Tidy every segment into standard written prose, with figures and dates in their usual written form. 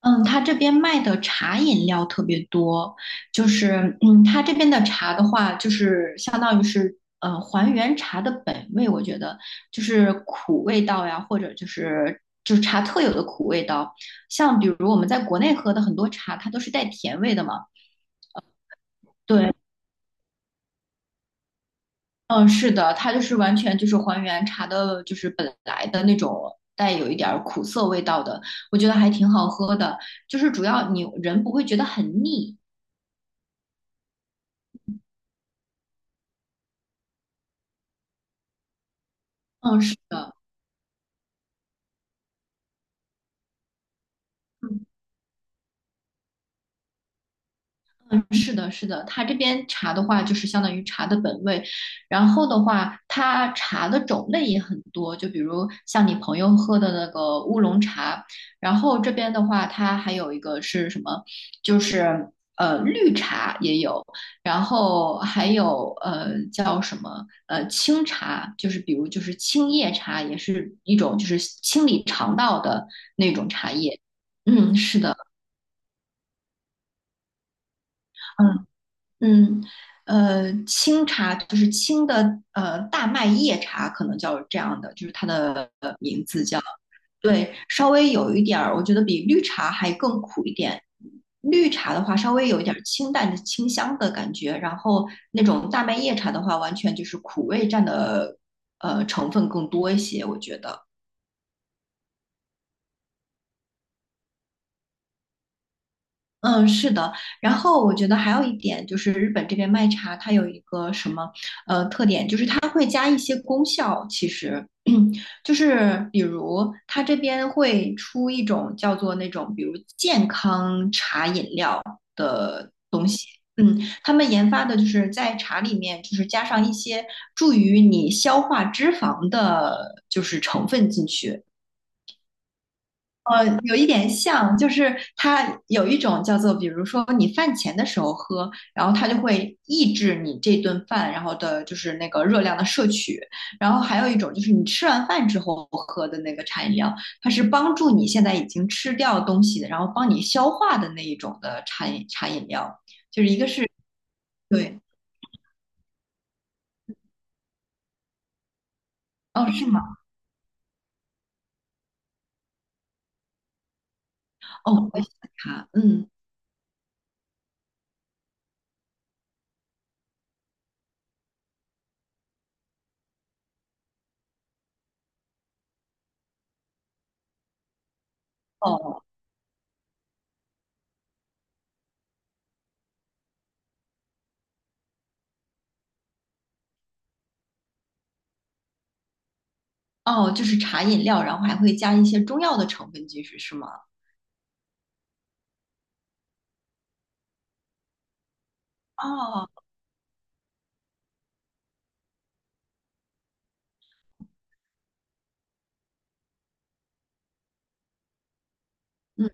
嗯，他这边卖的茶饮料特别多。他这边的茶的话，就是相当于是还原茶的本味。我觉得就是苦味道呀，或者就是茶特有的苦味道。像比如我们在国内喝的很多茶，它都是带甜味的嘛。对，嗯，是的，它就是完全就是还原茶的，就是本来的那种带有一点儿苦涩味道的。我觉得还挺好喝的，就是主要你人不会觉得很腻。嗯，是的。嗯，嗯是的，是的，它这边茶的话，就是相当于茶的本味。然后的话，它茶的种类也很多，就比如像你朋友喝的那个乌龙茶。然后这边的话，它还有一个是什么，就是绿茶也有。然后还有叫什么清茶，就是比如就是青叶茶，也是一种就是清理肠道的那种茶叶。嗯，是的。嗯。嗯，清茶就是清的，大麦叶茶可能叫这样的，就是它的名字叫，对，稍微有一点儿，我觉得比绿茶还更苦一点。绿茶的话，稍微有一点儿清淡的清香的感觉。然后那种大麦叶茶的话，完全就是苦味占的成分更多一些，我觉得。嗯，是的。然后我觉得还有一点就是日本这边卖茶，它有一个什么它会加一些功效，其实 就是比如它这边会出一种叫做那种比如健康茶饮料。嗯，他们研发的就是在茶里面就是加上一些助于你消化脂肪的，就是成分进去。有一点像，就是它有一种叫做，比如说你饭前的时候喝，然后它就会抑制你这顿饭，然后的就是那个热量的摄取。然后还有一种就是你吃完饭之后喝的那个茶饮料，它是帮助你现在已经吃掉东西的，然后帮你消化的那一种的茶饮料，就是一个是对。哦，是吗？哦，我也想查。嗯，哦哦，就是茶饮料，然后还会加一些中药的成分进去，是吗？哦。嗯。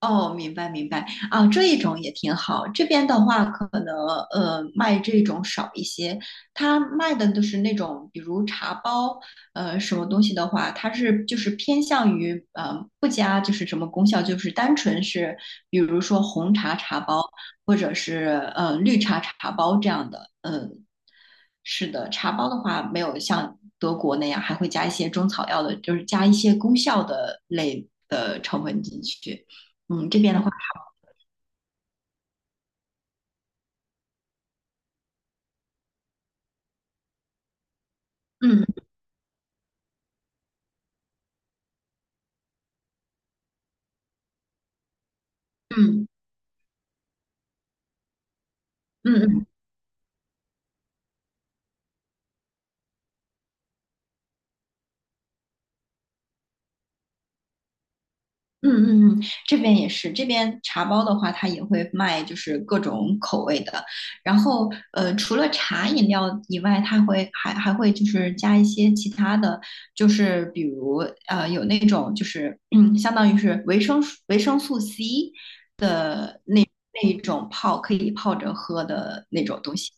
哦，明白明白啊，这一种也挺好。这边的话，可能卖这种少一些。他卖的都是那种，比如茶包。什么东西的话，它是就是偏向于不加就是什么功效，就是单纯是比如说红茶茶包，或者是绿茶茶包这样的。嗯、是的，茶包的话没有像德国那样还会加一些中草药的，就是加一些功效的类的成分进去。嗯，这边的话，嗯嗯嗯嗯嗯，这边也是，这边茶包的话，它也会卖，就是各种口味的。然后，除了茶饮料以外，它会还会就是加一些其他的，就是比如有那种就是嗯，相当于是维生素 C 的那一种泡可以泡着喝的那种东西。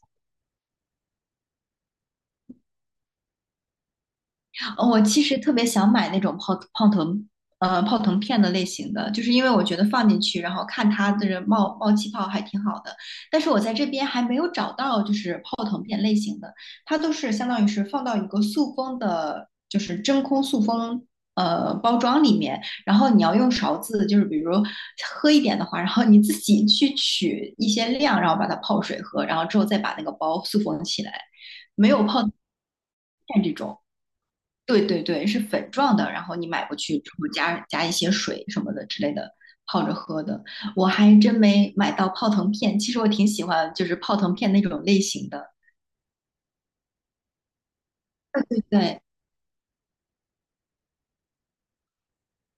哦我其实特别想买那种泡腾，泡腾片的类型的，就是因为我觉得放进去，然后看它就是冒气泡还挺好的。但是我在这边还没有找到就是泡腾片类型的。它都是相当于是放到一个塑封的，就是真空塑封。包装里面，然后你要用勺子，就是比如喝一点的话，然后你自己去取一些量，然后把它泡水喝，然后之后再把那个包塑封起来。没有泡。种。对对对，是粉状的，然后你买过去之后加一些水什么的之类的，泡着喝的。我还真没买到泡腾片，其实我挺喜欢就是泡腾片那种类型的。对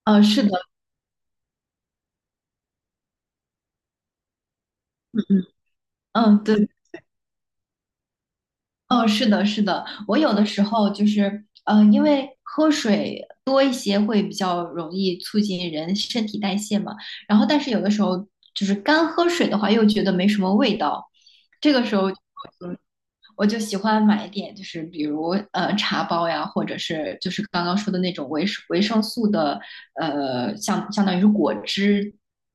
嗯，是的，嗯嗯嗯，对，嗯，是的，是的。我有的时候就是，因为喝水多一些会比较容易促进人身体代谢嘛。然后但是有的时候就是干喝水的话又觉得没什么味道，这个时候。我就喜欢买一点，就是比如茶包呀，或者是就是刚刚说的那种维生素的，相当于是果汁，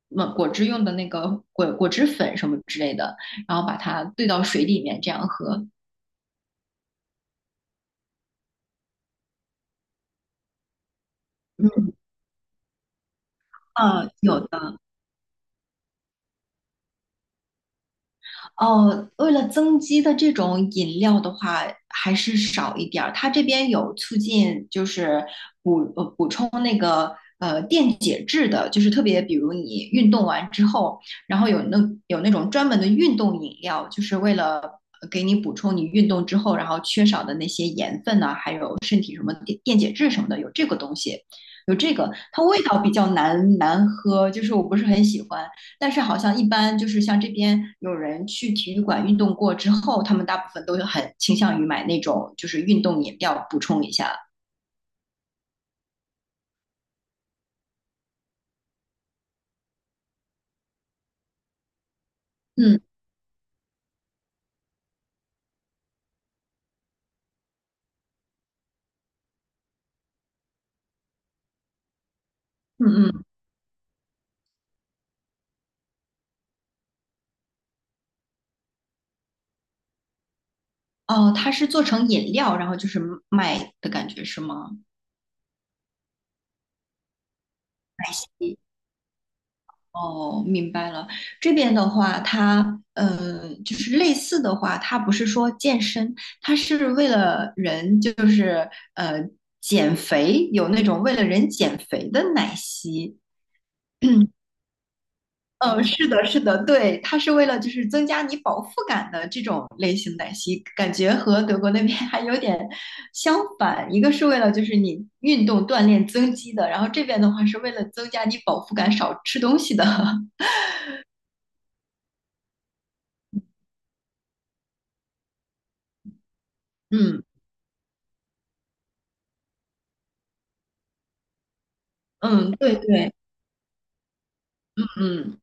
那果汁用的那个果汁粉什么之类的，然后把它兑到水里面这样喝。嗯嗯，有的。哦，为了增肌的这种饮料的话，还是少一点儿。它这边有促进，就是补充那个电解质的，就是特别比如你运动完之后，然后有那种专门的运动饮料，就是为了给你补充你运动之后然后缺少的那些盐分呐、还有身体什么电解质什么的，有这个东西，有这个。它味道比较难喝，就是我不是很喜欢。但是好像一般就是像这边有人去体育馆运动过之后，他们大部分都很倾向于买那种就是运动饮料补充一下。嗯嗯嗯，哦，它是做成饮料，然后就是卖的感觉是吗？奶昔。哦，明白了。这边的话，它就是类似的话，它不是说健身，它是为了人就是呃减肥，有那种为了人减肥的奶昔。嗯，是的，是的，对，它是为了就是增加你饱腹感的这种类型奶昔，感觉和德国那边还有点相反。一个是为了就是你运动锻炼增肌的，然后这边的话是为了增加你饱腹感，少吃东西的。嗯嗯，对对，嗯。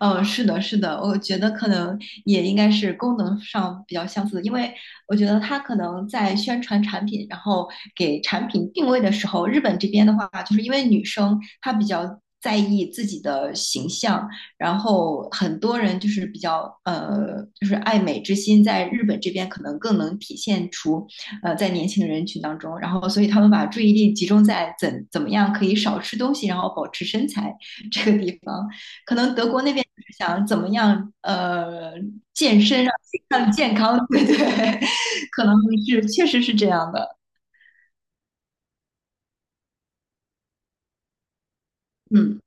嗯，是的，是的，我觉得可能也应该是功能上比较相似的。因为我觉得它可能在宣传产品，然后给产品定位的时候，日本这边的话，就是因为女生她比较在意自己的形象，然后很多人就是比较就是爱美之心，在日本这边可能更能体现出在年轻人群当中，然后所以他们把注意力集中在怎么样可以少吃东西，然后保持身材这个地方。可能德国那边就是想怎么样，健身让自己更健康，对对，可能是确实是这样的。嗯，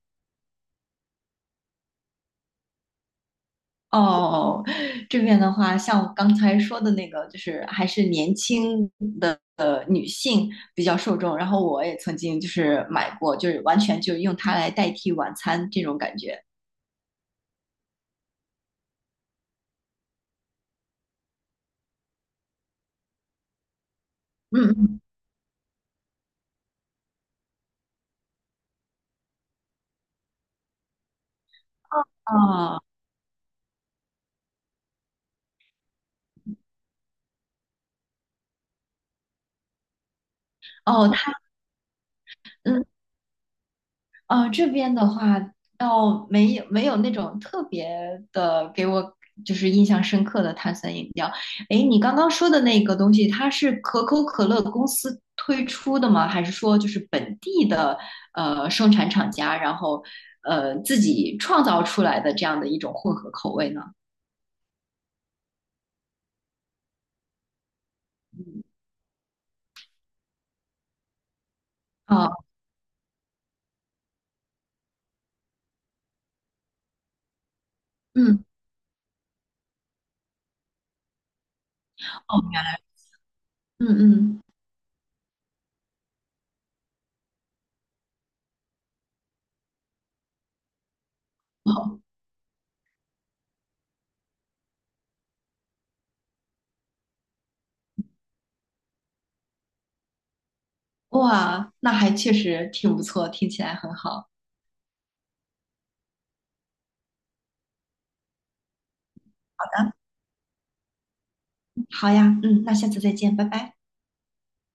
哦，这边的话，像我刚才说的那个，就是还是年轻的女性比较受众。然后我也曾经就是买过，就是完全就用它来代替晚餐这种感觉。嗯嗯，哦哦，它嗯。这边的话倒没有那种特别的给我就是印象深刻的碳酸饮料。诶，你刚刚说的那个东西，它是可口可乐公司推出的吗？还是说就是本地的生产厂家，然后自己创造出来的这样的一种混合口味呢？哦，嗯哦，原来，嗯嗯，好，哇，那还确实挺不错，听起来很好。好呀，嗯，那下次再见，拜拜。